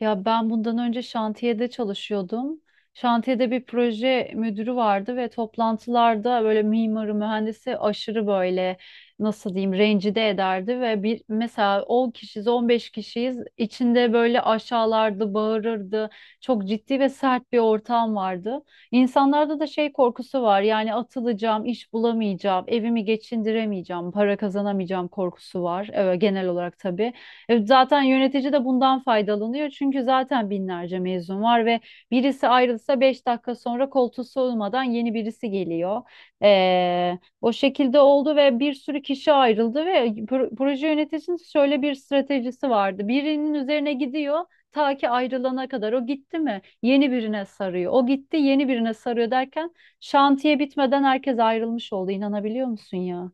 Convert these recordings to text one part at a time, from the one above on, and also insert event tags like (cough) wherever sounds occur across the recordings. Ya ben bundan önce şantiyede çalışıyordum. Şantiyede bir proje müdürü vardı ve toplantılarda böyle mimarı, mühendisi aşırı böyle nasıl diyeyim rencide ederdi ve bir mesela 10 kişiyiz, 15 kişiyiz, içinde böyle aşağılardı, bağırırdı. Çok ciddi ve sert bir ortam vardı. İnsanlarda da şey korkusu var. Yani atılacağım, iş bulamayacağım, evimi geçindiremeyeceğim, para kazanamayacağım korkusu var. Evet, genel olarak tabii. Zaten yönetici de bundan faydalanıyor. Çünkü zaten binlerce mezun var ve birisi ayrılsa 5 dakika sonra koltuğu soğumadan yeni birisi geliyor. O şekilde oldu ve bir sürü kişi ayrıldı ve proje yöneticisinin şöyle bir stratejisi vardı. Birinin üzerine gidiyor ta ki ayrılana kadar. O gitti mi yeni birine sarıyor. O gitti yeni birine sarıyor derken şantiye bitmeden herkes ayrılmış oldu. İnanabiliyor musun ya?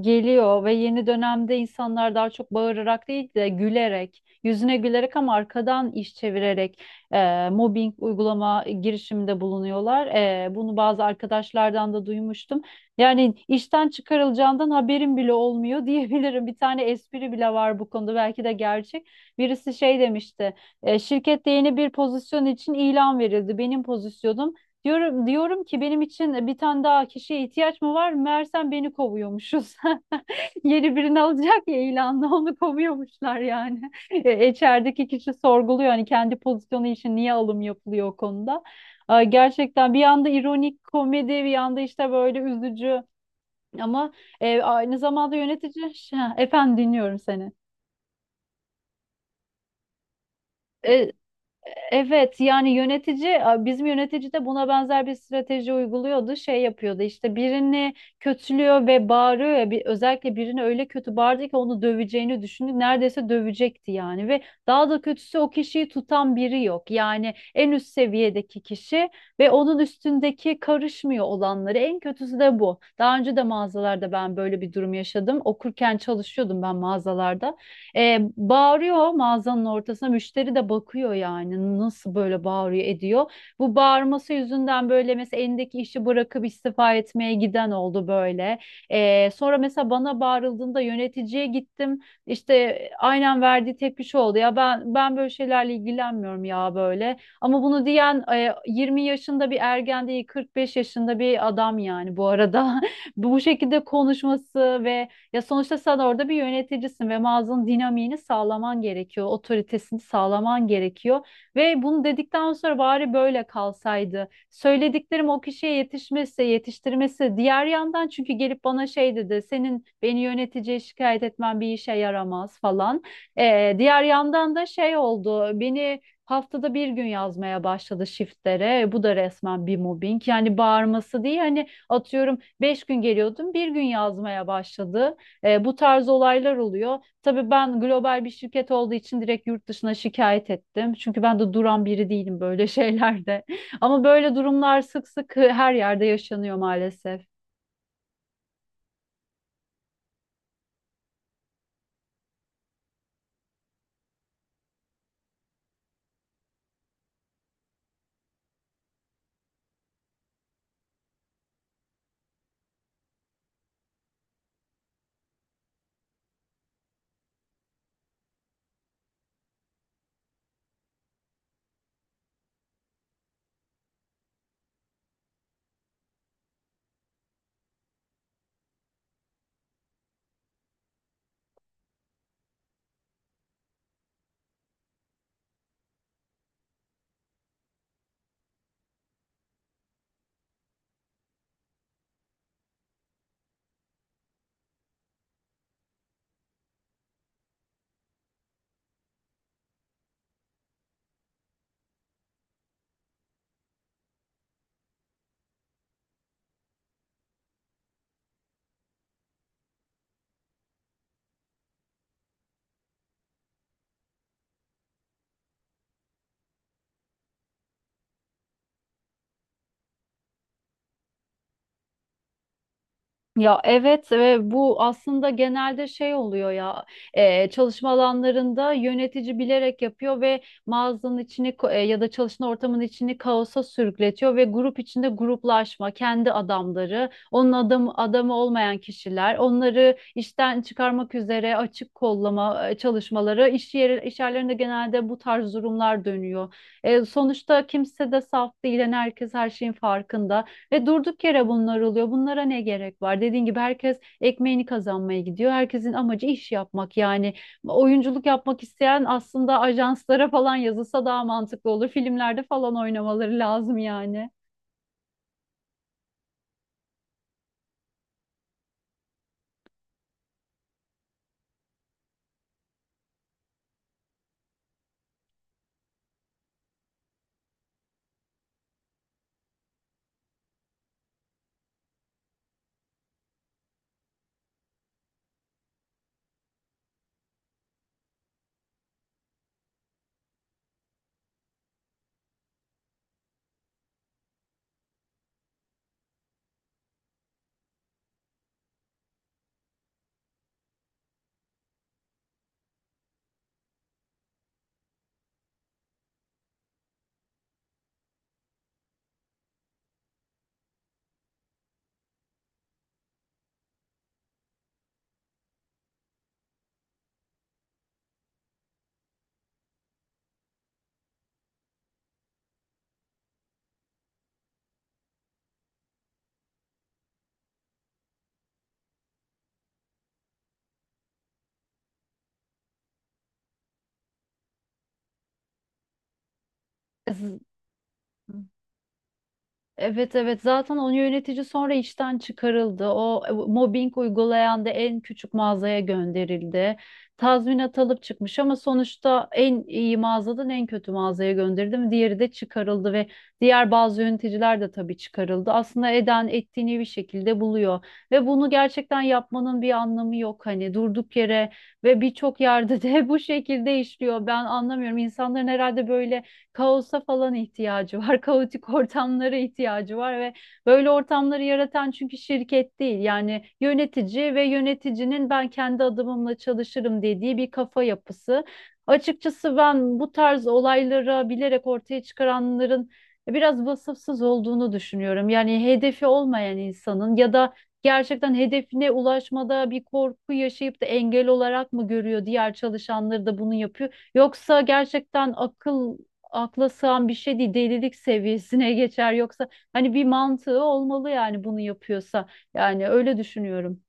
Geliyor ve yeni dönemde insanlar daha çok bağırarak değil de gülerek, yüzüne gülerek ama arkadan iş çevirerek mobbing uygulama girişiminde bulunuyorlar. Bunu bazı arkadaşlardan da duymuştum. Yani işten çıkarılacağından haberim bile olmuyor (laughs) diyebilirim. Bir tane espri bile var bu konuda. Belki de gerçek. Birisi şey demişti. Şirkette yeni bir pozisyon için ilan verildi. Benim pozisyonum. Diyorum, diyorum ki benim için bir tane daha kişiye ihtiyaç mı var? Meğersem beni kovuyormuşuz. (laughs) Yeni birini alacak ya ilanla onu kovuyormuşlar yani. (laughs) İçerideki kişi sorguluyor hani kendi pozisyonu için niye alım yapılıyor o konuda. Ay, gerçekten bir yanda ironik komedi bir yanda işte böyle üzücü ama aynı zamanda yönetici. (laughs) Ha, efendim dinliyorum seni. Evet, yani yönetici, bizim yönetici de buna benzer bir strateji uyguluyordu. Şey yapıyordu işte birini kötülüyor ve bağırıyor ya bir, özellikle birini öyle kötü bağırdı ki onu döveceğini düşündü. Neredeyse dövecekti yani ve daha da kötüsü o kişiyi tutan biri yok. Yani en üst seviyedeki kişi ve onun üstündeki karışmıyor olanları. En kötüsü de bu. Daha önce de mağazalarda ben böyle bir durum yaşadım. Okurken çalışıyordum ben mağazalarda. Bağırıyor mağazanın ortasına. Müşteri de bakıyor yani nasıl böyle bağırıyor ediyor. Bu bağırması yüzünden böyle mesela elindeki işi bırakıp istifa etmeye giden oldu böyle. Sonra mesela bana bağırıldığında yöneticiye gittim. İşte aynen verdiği tepki şu oldu. Ya ben böyle şeylerle ilgilenmiyorum ya böyle. Ama bunu diyen 20 yaşında bir ergen değil 45 yaşında bir adam yani bu arada. (laughs) Bu şekilde konuşması ve ya sonuçta sen orada bir yöneticisin ve mağazanın dinamiğini sağlaman gerekiyor, otoritesini sağlaman gerekiyor ve bunu dedikten sonra bari böyle kalsaydı. Söylediklerim o kişiye yetişmezse yetiştirmesi. Diğer yandan çünkü gelip bana şey dedi, senin beni yöneticiye şikayet etmen bir işe yaramaz falan. Diğer yandan da şey oldu, beni haftada bir gün yazmaya başladı shiftlere. Bu da resmen bir mobbing. Yani bağırması değil hani atıyorum 5 gün geliyordum bir gün yazmaya başladı. Bu tarz olaylar oluyor. Tabii ben global bir şirket olduğu için direkt yurt dışına şikayet ettim. Çünkü ben de duran biri değilim böyle şeylerde. (laughs) Ama böyle durumlar sık sık her yerde yaşanıyor maalesef. Ya evet ve bu aslında genelde şey oluyor ya çalışma alanlarında yönetici bilerek yapıyor ve mağazanın içini ya da çalışma ortamının içini kaosa sürükletiyor ve grup içinde gruplaşma, kendi adamları, onun adamı, adamı olmayan kişiler, onları işten çıkarmak üzere açık kollama çalışmaları, iş yeri, iş yerlerinde genelde bu tarz durumlar dönüyor. Sonuçta kimse de saf değil, yani herkes her şeyin farkında. Ve durduk yere bunlar oluyor. Bunlara ne gerek var? Dediğin gibi herkes ekmeğini kazanmaya gidiyor. Herkesin amacı iş yapmak yani. Oyunculuk yapmak isteyen aslında ajanslara falan yazılsa daha mantıklı olur. Filmlerde falan oynamaları lazım yani. Evet, evet, zaten o yönetici sonra işten çıkarıldı. O mobbing uygulayan da en küçük mağazaya gönderildi. Tazminat alıp çıkmış ama sonuçta en iyi mağazadan en kötü mağazaya gönderildi mi? Diğeri de çıkarıldı ve diğer bazı yöneticiler de tabii çıkarıldı. Aslında eden ettiğini bir şekilde buluyor ve bunu gerçekten yapmanın bir anlamı yok hani durduk yere ve birçok yerde de (laughs) bu şekilde işliyor. Ben anlamıyorum. İnsanların herhalde böyle kaosa falan ihtiyacı var. (laughs) Kaotik ortamlara ihtiyacı var ve böyle ortamları yaratan çünkü şirket değil. Yani yönetici ve yöneticinin ben kendi adımımla çalışırım dediği bir kafa yapısı. Açıkçası ben bu tarz olayları bilerek ortaya çıkaranların biraz vasıfsız olduğunu düşünüyorum. Yani hedefi olmayan insanın ya da gerçekten hedefine ulaşmada bir korku yaşayıp da engel olarak mı görüyor diğer çalışanları da bunu yapıyor? Yoksa gerçekten akla sığan bir şey değil, delilik seviyesine (laughs) geçer yoksa hani bir mantığı olmalı yani bunu yapıyorsa, yani öyle düşünüyorum.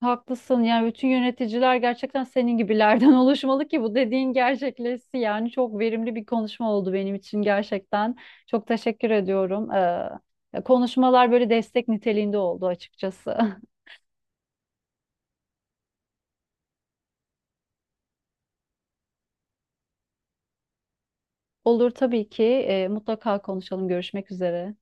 Haklısın, yani bütün yöneticiler gerçekten senin gibilerden (laughs) oluşmalı ki bu dediğin gerçekleşsin, yani çok verimli bir konuşma oldu benim için gerçekten, çok teşekkür ediyorum. Konuşmalar böyle destek niteliğinde oldu açıkçası. (laughs) Olur tabii ki. Mutlaka konuşalım, görüşmek üzere.